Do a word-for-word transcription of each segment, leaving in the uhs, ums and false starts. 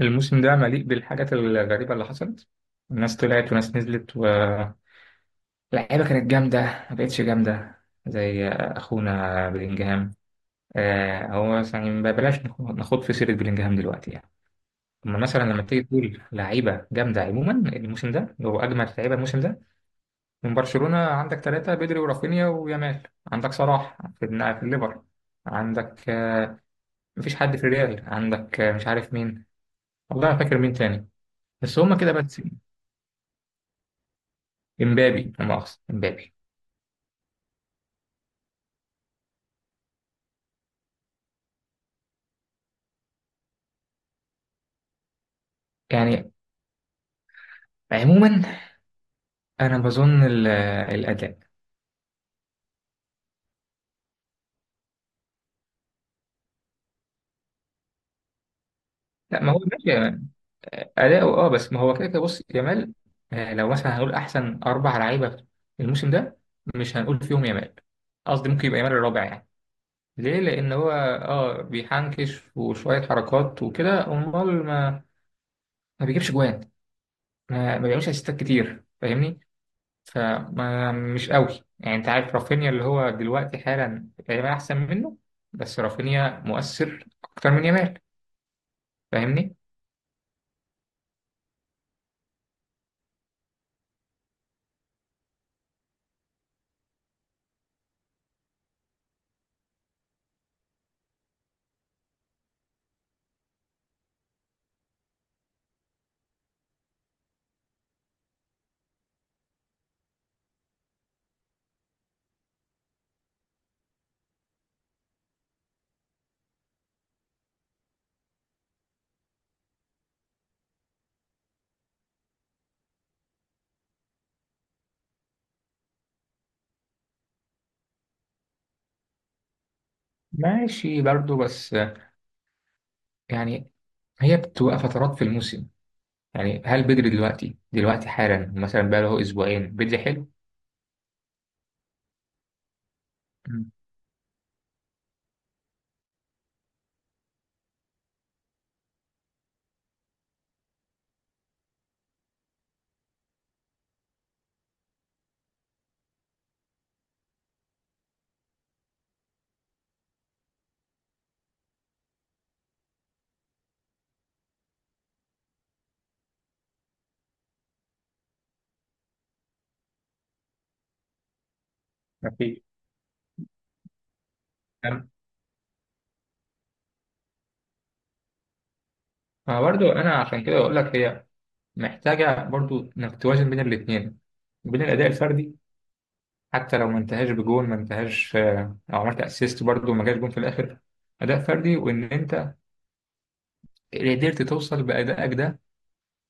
الموسم ده مليء بالحاجات الغريبة اللي حصلت. ناس طلعت وناس نزلت، واللعيبة كانت جامدة، ما بقتش جامدة زي أخونا بلينجهام. آه، هو مثلا يعني ما بلاش نخ- نخوض في سيرة بلينجهام دلوقتي يعني. أما مثلا لما تيجي تقول لعيبة جامدة عموما الموسم ده، اللي هو أجمد لعيبة الموسم ده من برشلونة، عندك ثلاثة: بدري ورافينيا ويامال. عندك صلاح في النا- في الليفر. عندك آه، مفيش حد في الريال. عندك آه، مش عارف مين، والله ما فاكر مين تاني، بس هما كده بس. امبابي، لا مؤاخذة، امبابي. يعني عموما انا بظن ال- الاداء. لا، ما هو ماشي اداؤه، اه، بس ما هو كده كده. بص يامال، آه، لو مثلا هنقول احسن اربع لعيبه الموسم ده، مش هنقول فيهم يامال، قصدي ممكن يبقى يامال الرابع يعني. ليه؟ لان هو اه بيحنكش وشويه حركات وكده، امال ما ما بيجيبش جوان، ما, ما بيعملش اسيستات كتير، فاهمني؟ فما مش قوي يعني. انت عارف رافينيا اللي هو دلوقتي حالا تقريبا احسن منه، بس رافينيا مؤثر اكتر من يامال، فاهمني؟ ماشي برضو، بس يعني هي بتبقى فترات في الموسم، يعني هل بدري دلوقتي؟ دلوقتي حالا مثلا بقى له اسبوعين بدري حلو. مم. مفيش. تمام. فبرضو انا عشان كده اقول لك، هي محتاجه برضو انك توازن بين الاثنين، بين الاداء الفردي. حتى لو ما انتهاش بجول، ما انتهاش، آه، لو عملت اسيست برضه ما جاش جون في الاخر. اداء فردي، وان انت قدرت توصل بادائك ده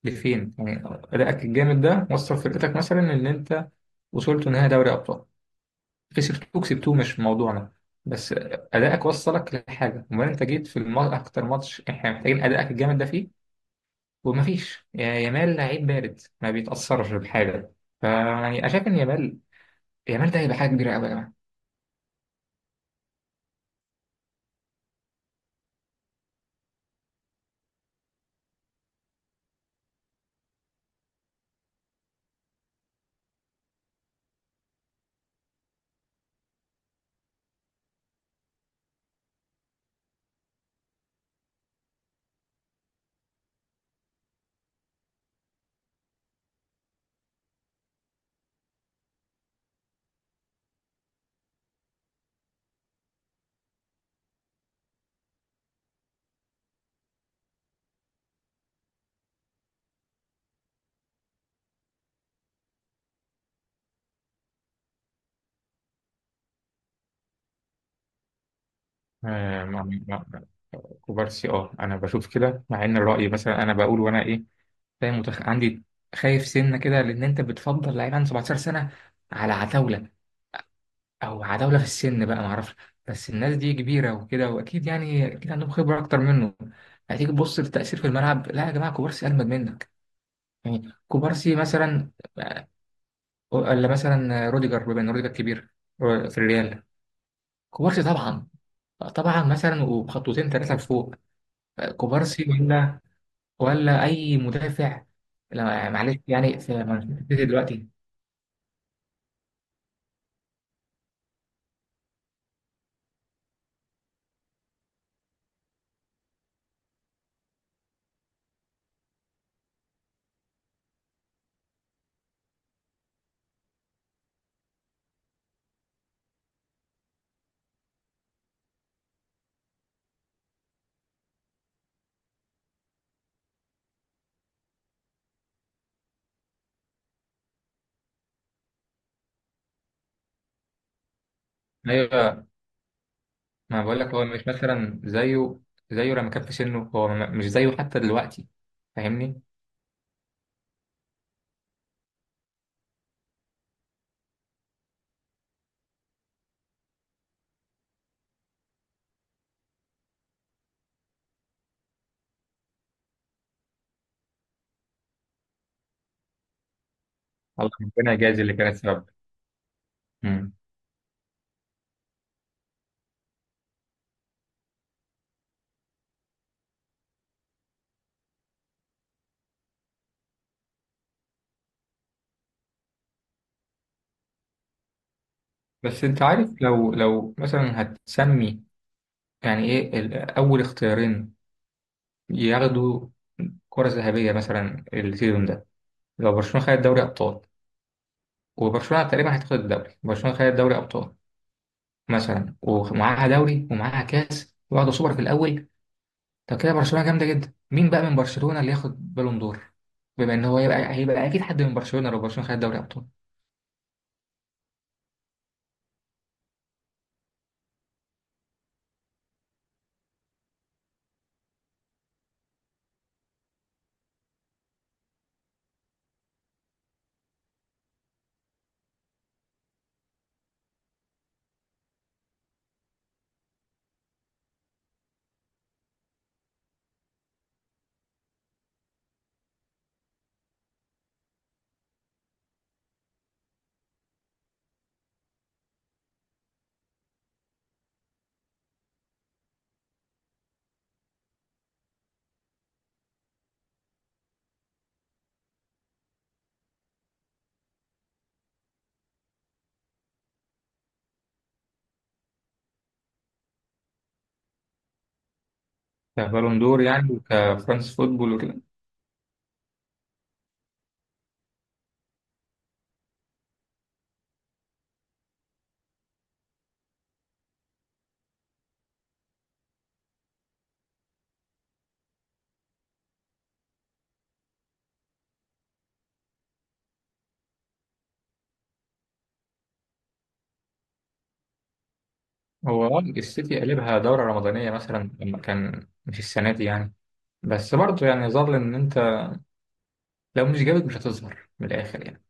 لفين، يعني ادائك الجامد ده وصل فرقتك مثلا ان انت وصلت نهائي دوري ابطال، كسبتوه كسبتوه مش موضوعنا، بس ادائك وصلك لحاجه. امال انت جيت في الم... اكتر ماتش احنا محتاجين ادائك الجامد ده فيه، ومفيش. يا يامال، لعيب بارد ما بيتاثرش بحاجه. فيعني انا شايف ان يامال، يامال ده هيبقى حاجه كبيره قوي يا جماعه. آه، ما- ما- كوبارسي، اه، انا بشوف كده، مع ان الرأي مثلا انا بقول وانا ايه، فاهم متخ... عندي. خايف سنه كده، لان انت بتفضل لعيب عنده سبعة عشر سنه على عتاوله، او عتاوله في السن بقى ما اعرفش، بس الناس دي كبيره وكده، واكيد يعني اكيد عندهم خبره اكتر منه. هتيجي تبص للتأثير في الملعب، لا يا جماعه كوبارسي اجمد منك يعني. كوبارسي مثلا، ولا مثلا روديجر، بما ان روديجر كبير آه، في الريال، كوبارسي طبعا. طبعا مثلا، وبخطوتين ثلاثه لفوق آه، كوبارسي، ولا اي مدافع، لا يعني معلش يعني في منتخب دلوقتي. ايوه، ما بقول لك هو مش مثلا زيه، زيه لما كان في سنه هو، م- مش زيه حتى دلوقتي، فاهمني؟ الله، ربنا يجازي اللي كانت سبب. مم. بس انت عارف، لو لو مثلا هتسمي يعني ايه ال- اول اختيارين ياخدوا كرة ذهبية مثلا السيزون ده. لو برشلونة خدت دوري ابطال، وبرشلونة تقريبا هتاخد الدوري، برشلونة خدت دوري ابطال مثلا ومعاها دوري ومعاها كاس، واخدة سوبر في الاول، طب كده برشلونة جامدة جدا، مين بقى من برشلونة اللي ياخد بالون دور؟ بما ان هو هيبقى، هيبقى اكيد حد من برشلونة لو برشلونة خد دوري ابطال. كبالون دور يعني، وكفرانس فوتبول وكده. هو آه السيتي قلبها دورة رمضانية مثلا، لما كان، مش السنة دي يعني. بس برضه يعني، يظل ان انت لو مش جامد مش هتظهر من الاخر يعني.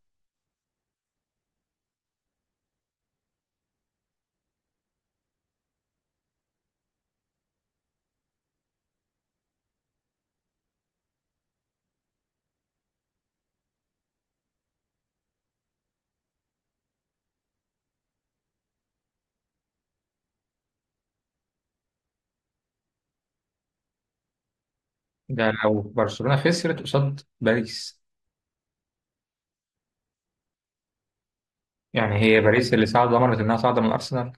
ده لو برشلونة خسرت قصاد باريس. يعني هي باريس اللي صعد، ضمنت انها صاعدة من الارسنال.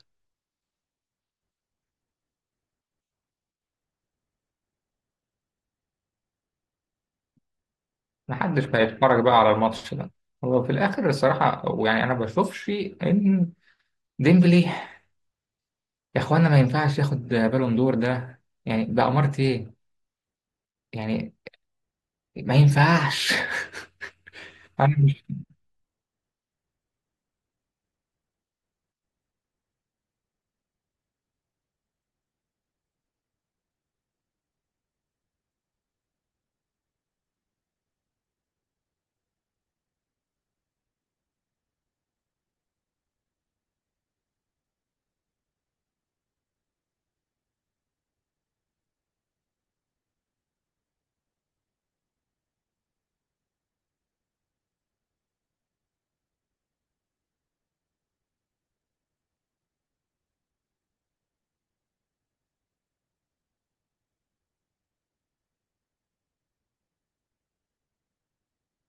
محدش هيتفرج بقى على الماتش ده. هو في الاخر الصراحة يعني، انا ما بشوفش ان ديمبلي، يا اخوانا ما ينفعش ياخد بالون دور، ده يعني ده امارة ايه يعني؟ ما ينفعش. انا مش.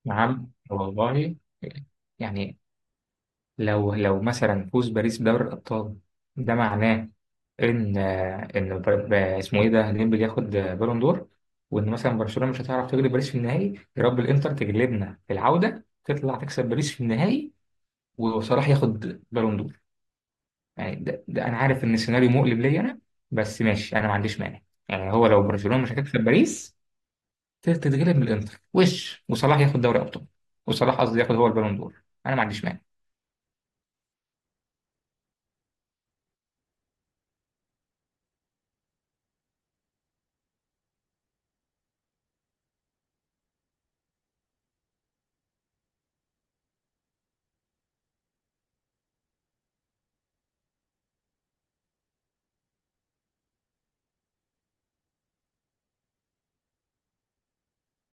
نعم والله. يعني لو لو مثلا فوز باريس بدوري الابطال، ده معناه ان، ان بر- ب- اسمه ايه ده، ديمبلي ياخد بالون دور. وان مثلا برشلونة مش هتعرف تغلب باريس في النهائي، يا رب الانتر تجلبنا في العودة تطلع تكسب باريس في النهائي وصلاح ياخد بالون دور. يعني ده, ده انا عارف ان السيناريو مقلب ليا انا، بس ماشي، انا ما عنديش مانع. يعني هو لو برشلونه مش هتكسب باريس، تتغلب من الانتر، وش وصلاح ياخد دوري ابطال، وصلاح قصدي ياخد هو البالون دور، انا ما عنديش مانع.